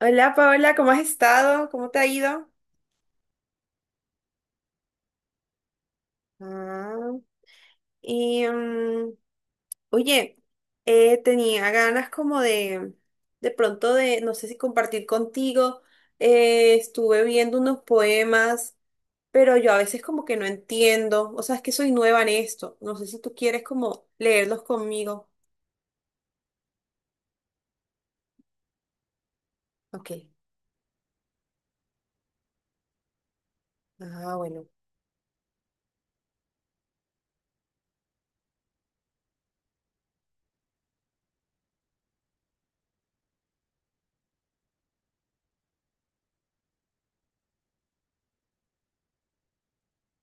Hola Paola, ¿cómo has estado? ¿Cómo te ha ido? Ah, y oye, tenía ganas como de pronto de, no sé si compartir contigo, estuve viendo unos poemas, pero yo a veces como que no entiendo, o sea, es que soy nueva en esto, no sé si tú quieres como leerlos conmigo. Ok, ah, bueno.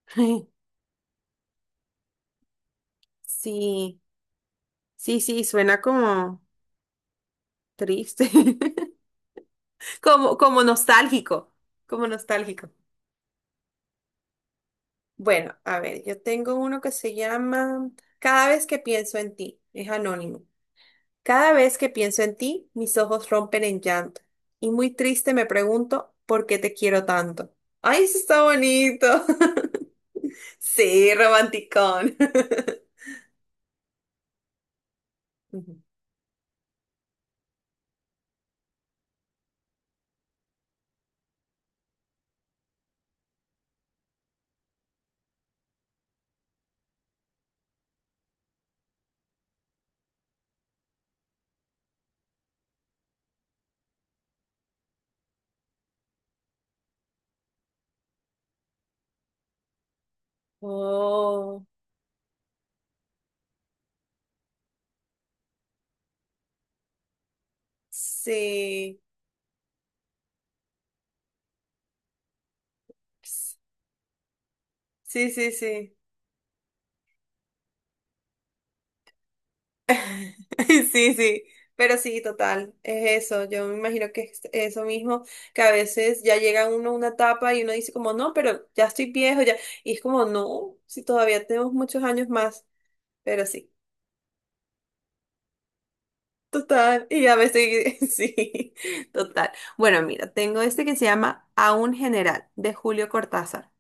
Sí, sí, sí, suena como triste, como, como nostálgico, como nostálgico. Bueno, a ver, yo tengo uno que se llama Cada vez que pienso en ti. Es anónimo. Cada vez que pienso en ti, mis ojos rompen en llanto. Y muy triste me pregunto por qué te quiero tanto. ¡Ay, eso está bonito! Sí, romanticón. Ujú. Oh, sí. Sí, sí, sí. Sí, sí, pero sí, total, es eso. Yo me imagino que es eso mismo, que a veces ya llega uno a una etapa y uno dice como, no, pero ya estoy viejo, ya. Y es como, no, si todavía tenemos muchos años más, pero sí, total. Y ya me estoy, sí, total. Bueno, mira, tengo este que se llama A un general, de Julio Cortázar.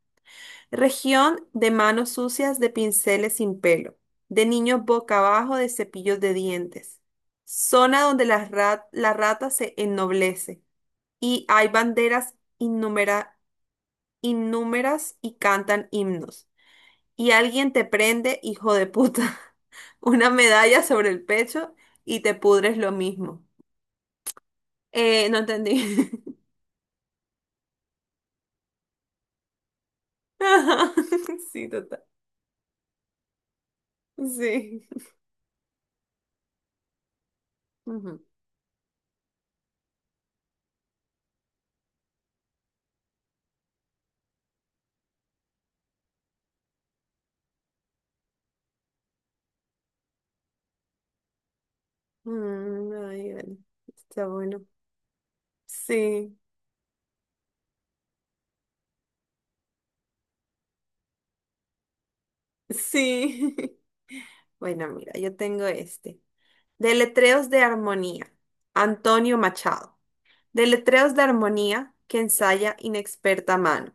Región de manos sucias de pinceles sin pelo, de niños boca abajo de cepillos de dientes. Zona donde la, la rata se ennoblece y hay innúmeras y cantan himnos. Y alguien te prende, hijo de puta, una medalla sobre el pecho y te pudres lo mismo. No entendí. Ajá, sí, total. Sí. Ujú. Mm, ay, bueno. Está bueno. Sí, sí. Bueno, mira, yo tengo este. Deletreos de armonía. Antonio Machado. Deletreos de armonía que ensaya inexperta mano.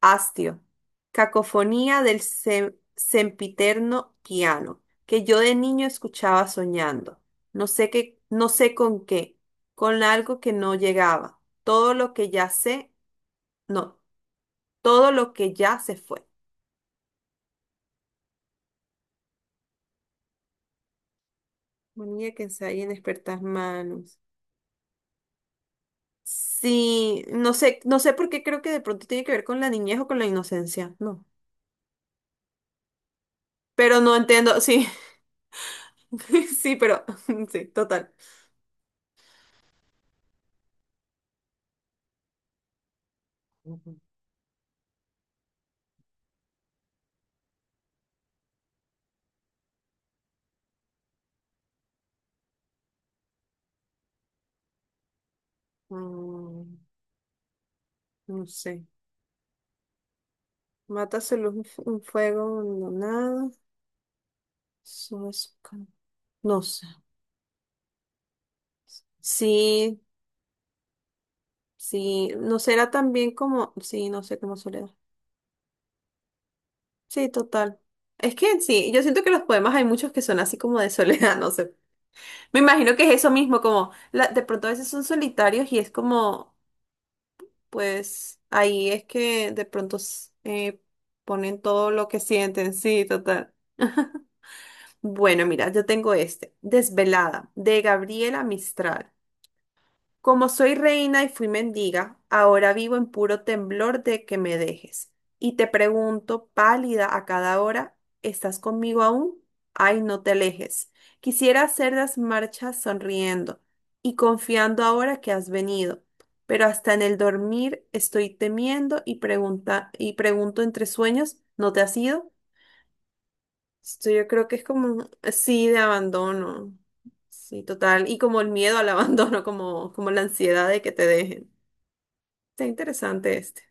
Hastio. Cacofonía del sempiterno piano, que yo de niño escuchaba soñando. No sé qué, no sé con qué, con algo que no llegaba. Todo lo que ya sé, no, todo lo que ya se fue. Armonía que ensaya inexpertas manos. Sí, no sé, no sé por qué creo que de pronto tiene que ver con la niñez o con la inocencia, no. Pero no entiendo, sí, sí, pero sí, total. Ujú. Mm, no sé. Matas luz un fuego abandonado. eso es ca- No sé. Sí, sí. No será también como. Sí, no sé, como soledad. Sí, total. Es que sí, yo siento que los poemas hay muchos que son así como de soledad, no sé. Me imagino que es eso mismo, de pronto a veces son solitarios y es como. Pues ahí es que de pronto ponen todo lo que sienten, sí, total. Bueno, mira, yo tengo este, Desvelada, de Gabriela Mistral. Como soy reina y fui mendiga, ahora vivo en puro temblor de que me dejes. Y te pregunto, pálida a cada hora, ¿estás conmigo aún? Ay, no te alejes. Quisiera hacer las marchas sonriendo y confiando ahora que has venido, pero hasta en el dormir estoy temiendo y pregunta y pregunto entre sueños, ¿no te has ido? Esto yo creo que es como, sí, de abandono. Sí, total. Y como el miedo al abandono, como, como la ansiedad de que te dejen. Está interesante este.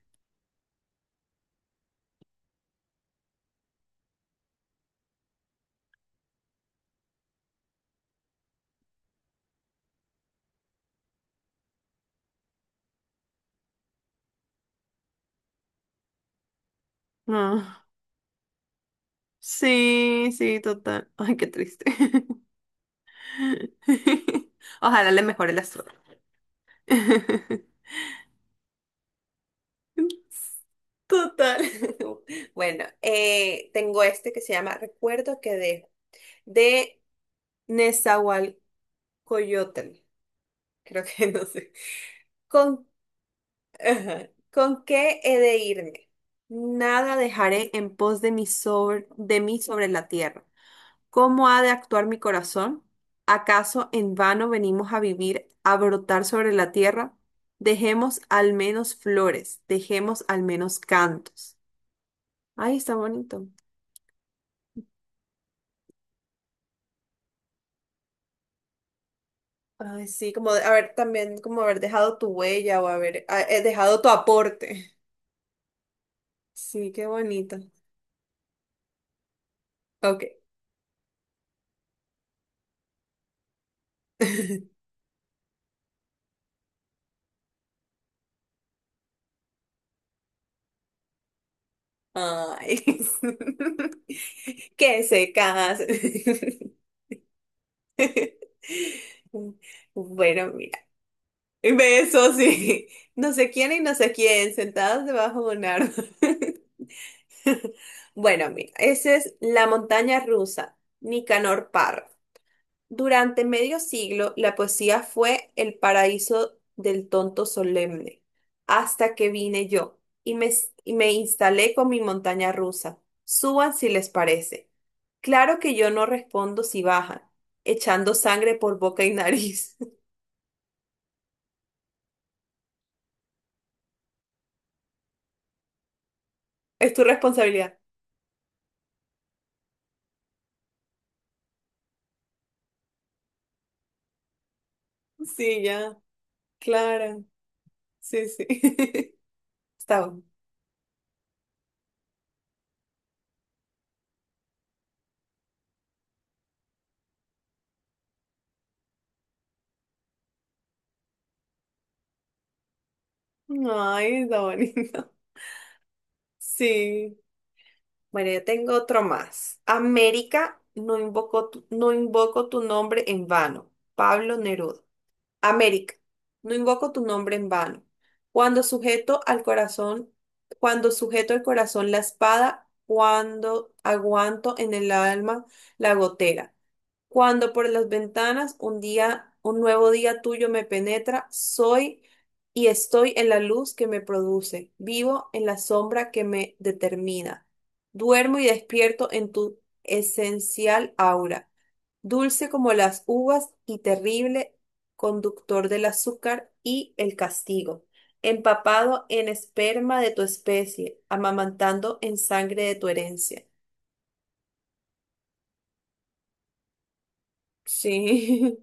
Ah, sí, sí, total. Ay, qué triste. Ojalá le mejore la suerte. Total. Bueno, tengo este que se llama Recuerdo que dejo, de Nezahualcóyotl, creo que no sé. Con ajá. ¿Con qué he de irme? Nada dejaré en pos de mí sobre la tierra. ¿Cómo ha de actuar mi corazón? ¿Acaso en vano venimos a vivir, a brotar sobre la tierra? Dejemos al menos flores, dejemos al menos cantos. Ay, está bonito. Ay, sí, haber también, como haber dejado tu huella o haber dejado tu aporte. Sí, qué bonito. Ok. Ay, que se casen. Bueno, mira, besos sí. No sé quién y no sé quién, sentados debajo de un árbol. Bueno, mira, esa es la montaña rusa, Nicanor Parra. Durante medio siglo, la poesía fue el paraíso del tonto solemne, hasta que vine yo y me, y me instalé con mi montaña rusa. Suban si les parece. Claro que yo no respondo si bajan, echando sangre por boca y nariz. Es tu responsabilidad. Sí, ya, Clara. Sí, sí. Está bueno. Ay, está bonito. Sí. Bueno, yo tengo otro más. América, no invoco tu nombre en vano. Pablo Neruda. América, no invoco tu nombre en vano. Cuando sujeto al corazón, cuando sujeto al corazón la espada, cuando aguanto en el alma la gotera. Cuando por las ventanas un nuevo día tuyo me penetra, soy y estoy en la luz que me produce, vivo en la sombra que me determina. Duermo y despierto en tu esencial aura, dulce como las uvas y terrible conductor del azúcar y el castigo, empapado en esperma de tu especie, amamantando en sangre de tu herencia. Sí,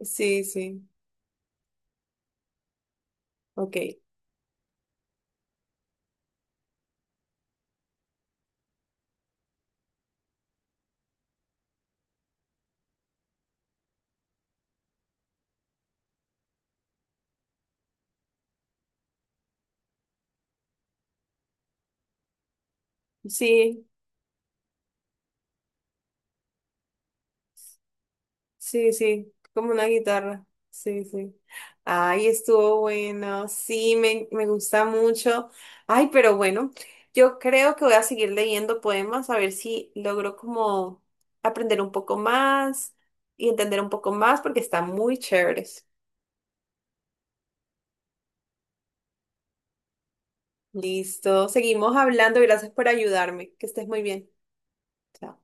sí, sí, ok. Sí, sí, sí, como una guitarra. Sí, sí. Ay, estuvo bueno. Sí, me gusta mucho. Ay, pero bueno, yo creo que voy a seguir leyendo poemas a ver si logro como aprender un poco más y entender un poco más porque están muy chéveres. Listo. Seguimos hablando. Gracias por ayudarme. Que estés muy bien. Chao.